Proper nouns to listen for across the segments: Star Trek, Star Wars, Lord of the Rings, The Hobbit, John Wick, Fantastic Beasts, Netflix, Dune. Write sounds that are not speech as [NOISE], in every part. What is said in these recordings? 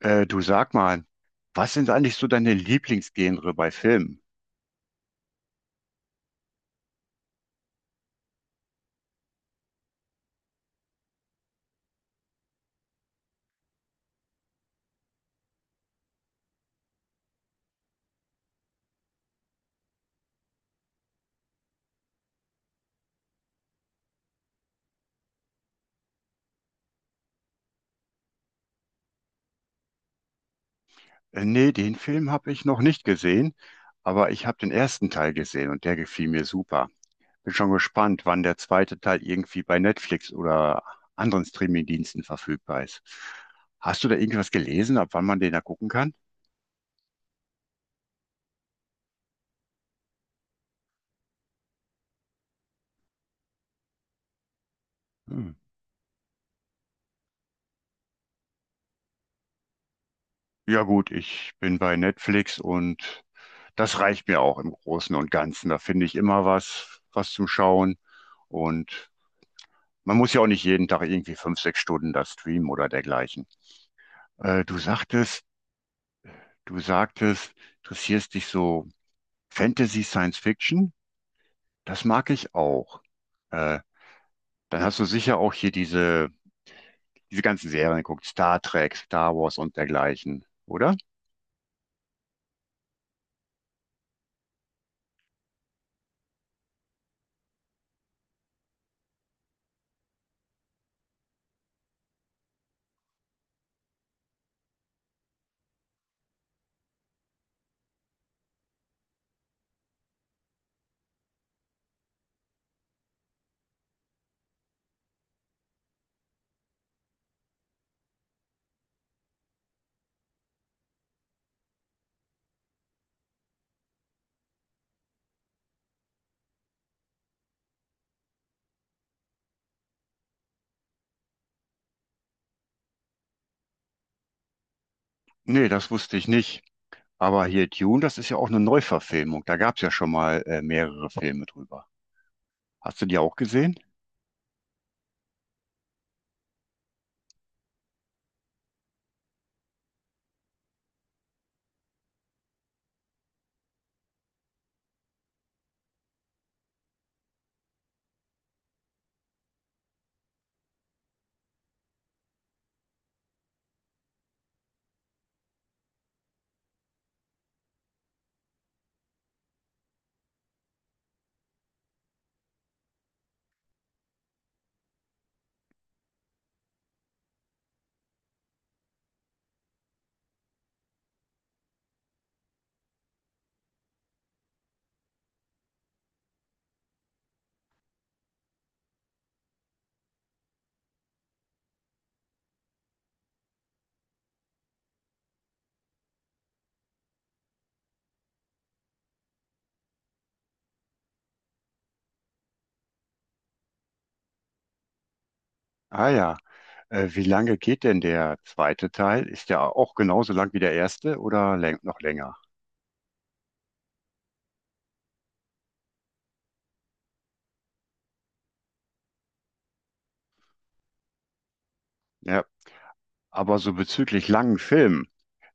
Du sag mal, was sind eigentlich so deine Lieblingsgenre bei Filmen? Nee, den Film habe ich noch nicht gesehen, aber ich habe den ersten Teil gesehen und der gefiel mir super. Bin schon gespannt, wann der zweite Teil irgendwie bei Netflix oder anderen Streamingdiensten verfügbar ist. Hast du da irgendwas gelesen, ab wann man den da gucken kann? Hm. Ja gut, ich bin bei Netflix und das reicht mir auch im Großen und Ganzen. Da finde ich immer was, was zum Schauen. Und man muss ja auch nicht jeden Tag irgendwie fünf, sechs Stunden da streamen oder dergleichen. Äh, du sagtest, du sagtest, interessierst dich so Fantasy, Science Fiction? Das mag ich auch. Äh, Dann hast du sicher auch hier diese ganzen Serien geguckt, Star Trek, Star Wars und dergleichen, oder? Nee, das wusste ich nicht. Aber hier Dune, das ist ja auch eine Neuverfilmung. Da gab es ja schon mal mehrere Filme drüber. Hast du die auch gesehen? Ah ja. Wie lange geht denn der zweite Teil? Ist der auch genauso lang wie der erste oder läng noch länger? Ja, aber so bezüglich langen Filmen,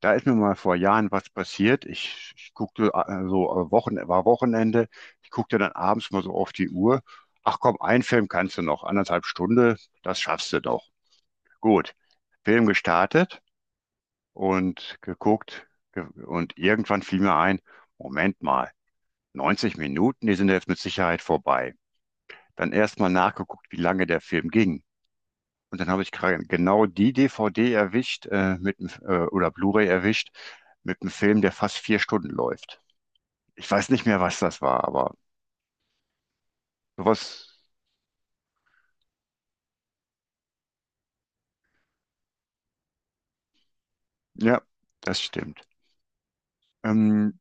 da ist mir mal vor Jahren was passiert. Ich guckte so Wochen, war Wochenende, ich guckte dann abends mal so auf die Uhr. Ach komm, einen Film kannst du noch, anderthalb Stunde, das schaffst du doch. Gut, Film gestartet und geguckt ge und irgendwann fiel mir ein, Moment mal, 90 Minuten, die sind ja jetzt mit Sicherheit vorbei. Dann erst mal nachgeguckt, wie lange der Film ging. Und dann habe ich genau die DVD erwischt, mit, oder Blu-ray erwischt, mit einem Film, der fast vier Stunden läuft. Ich weiß nicht mehr, was das war, aber sowas, ja, das stimmt. Ähm,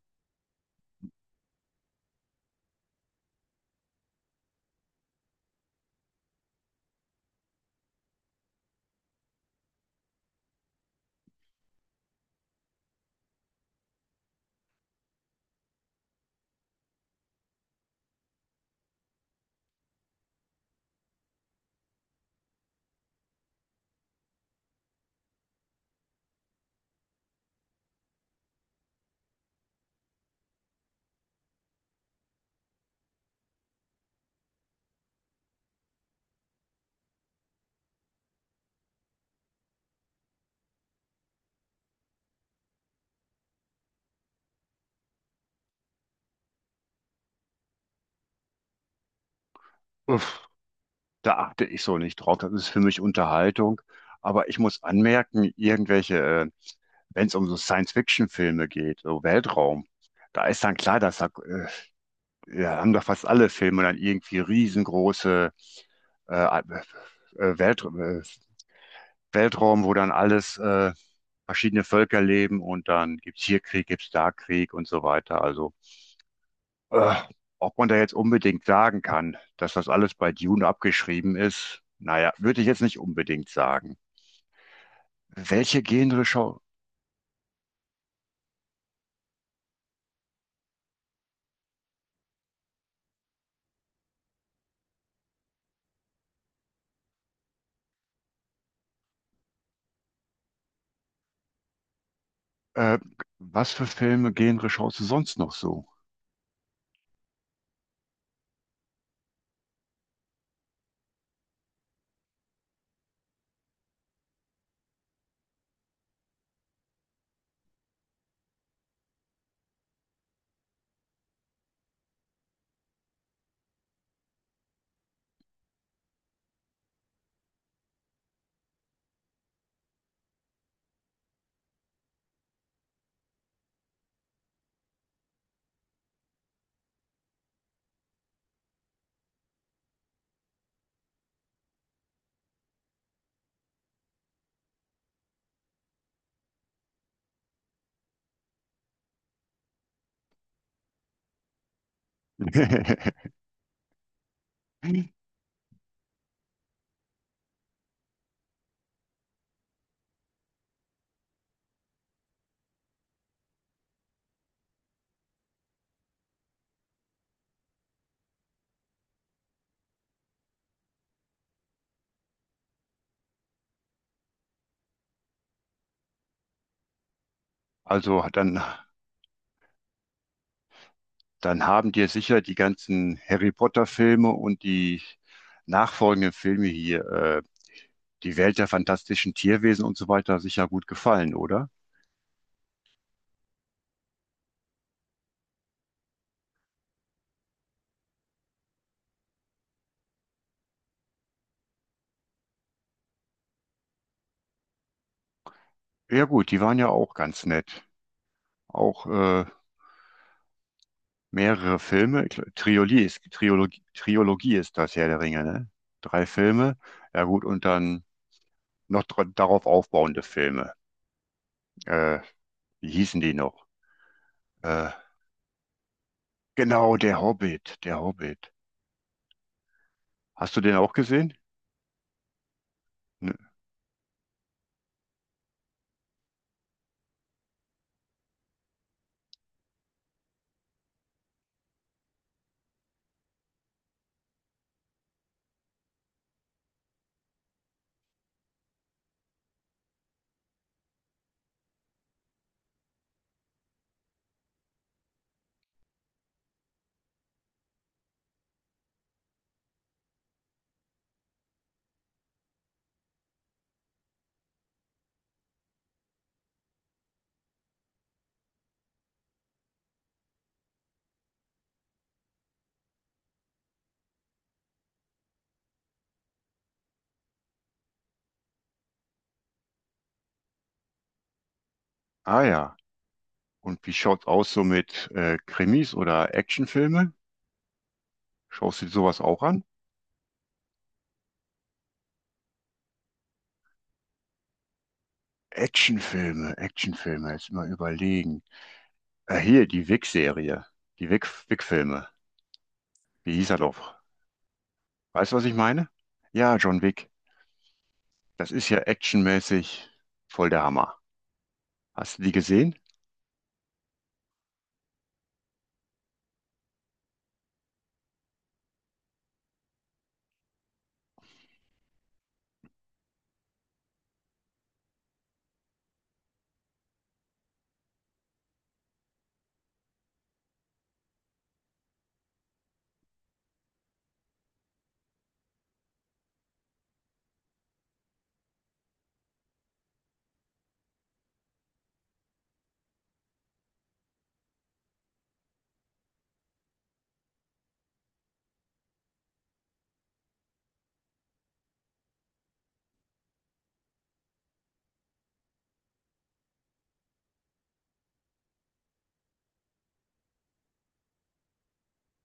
uff. Da achte ich so nicht drauf. Das ist für mich Unterhaltung. Aber ich muss anmerken, wenn es um so Science-Fiction-Filme geht, so Weltraum, da ist dann klar, dass ja, haben doch fast alle Filme dann irgendwie riesengroße äh, Welt, Weltraum, wo dann alles verschiedene Völker leben und dann gibt's hier Krieg, gibt's da Krieg und so weiter. Also äh, ob man da jetzt unbedingt sagen kann, dass das alles bei Dune abgeschrieben ist, naja, würde ich jetzt nicht unbedingt sagen. Welche Genre schau, äh, Was für Filme, Genre schaust du sonst noch so? [LAUGHS] Also dann haben dir sicher die ganzen Harry Potter-Filme und die nachfolgenden Filme hier, die Welt der fantastischen Tierwesen und so weiter, sicher gut gefallen, oder? Ja gut, die waren ja auch ganz nett. Auch mehrere Filme. Ich glaub, Triologie ist das Herr der Ringe, ne? Drei Filme. Ja gut, und dann noch darauf aufbauende Filme. Äh, wie hießen die noch? Äh, Der Hobbit. Hast du den auch gesehen? Ne? Ah ja. Und wie schaut's aus so mit Krimis oder Actionfilme? Schaust du dir sowas auch an? Actionfilme, jetzt mal überlegen. Hier, die Wick-Serie, die Wick-Filme. Wie hieß er doch? Weißt du, was ich meine? Ja, John Wick. Das ist ja actionmäßig voll der Hammer. Hast du die gesehen?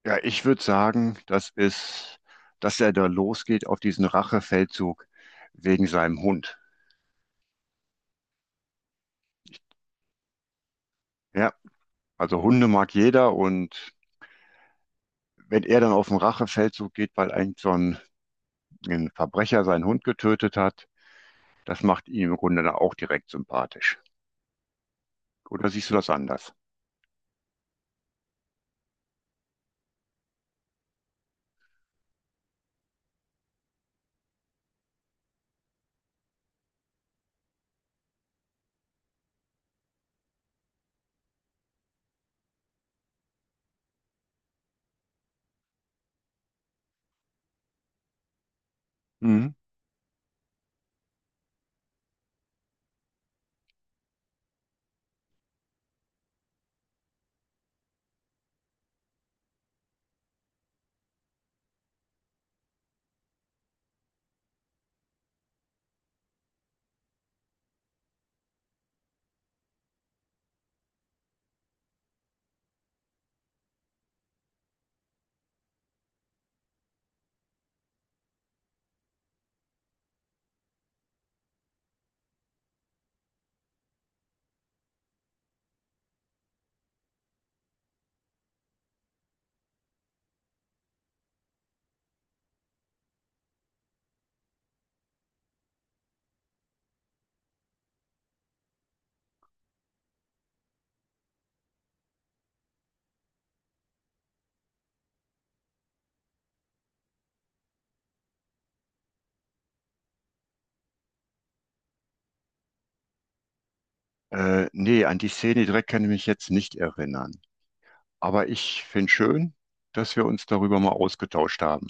Ja, ich würde sagen, das ist, dass er da losgeht auf diesen Rachefeldzug wegen seinem Hund. Ja, also Hunde mag jeder und wenn er dann auf den Rachefeldzug geht, weil ein Verbrecher seinen Hund getötet hat, das macht ihn im Grunde dann auch direkt sympathisch. Oder siehst du das anders? Mhm. Nee, an die Szene direkt kann ich mich jetzt nicht erinnern. Aber ich finde schön, dass wir uns darüber mal ausgetauscht haben.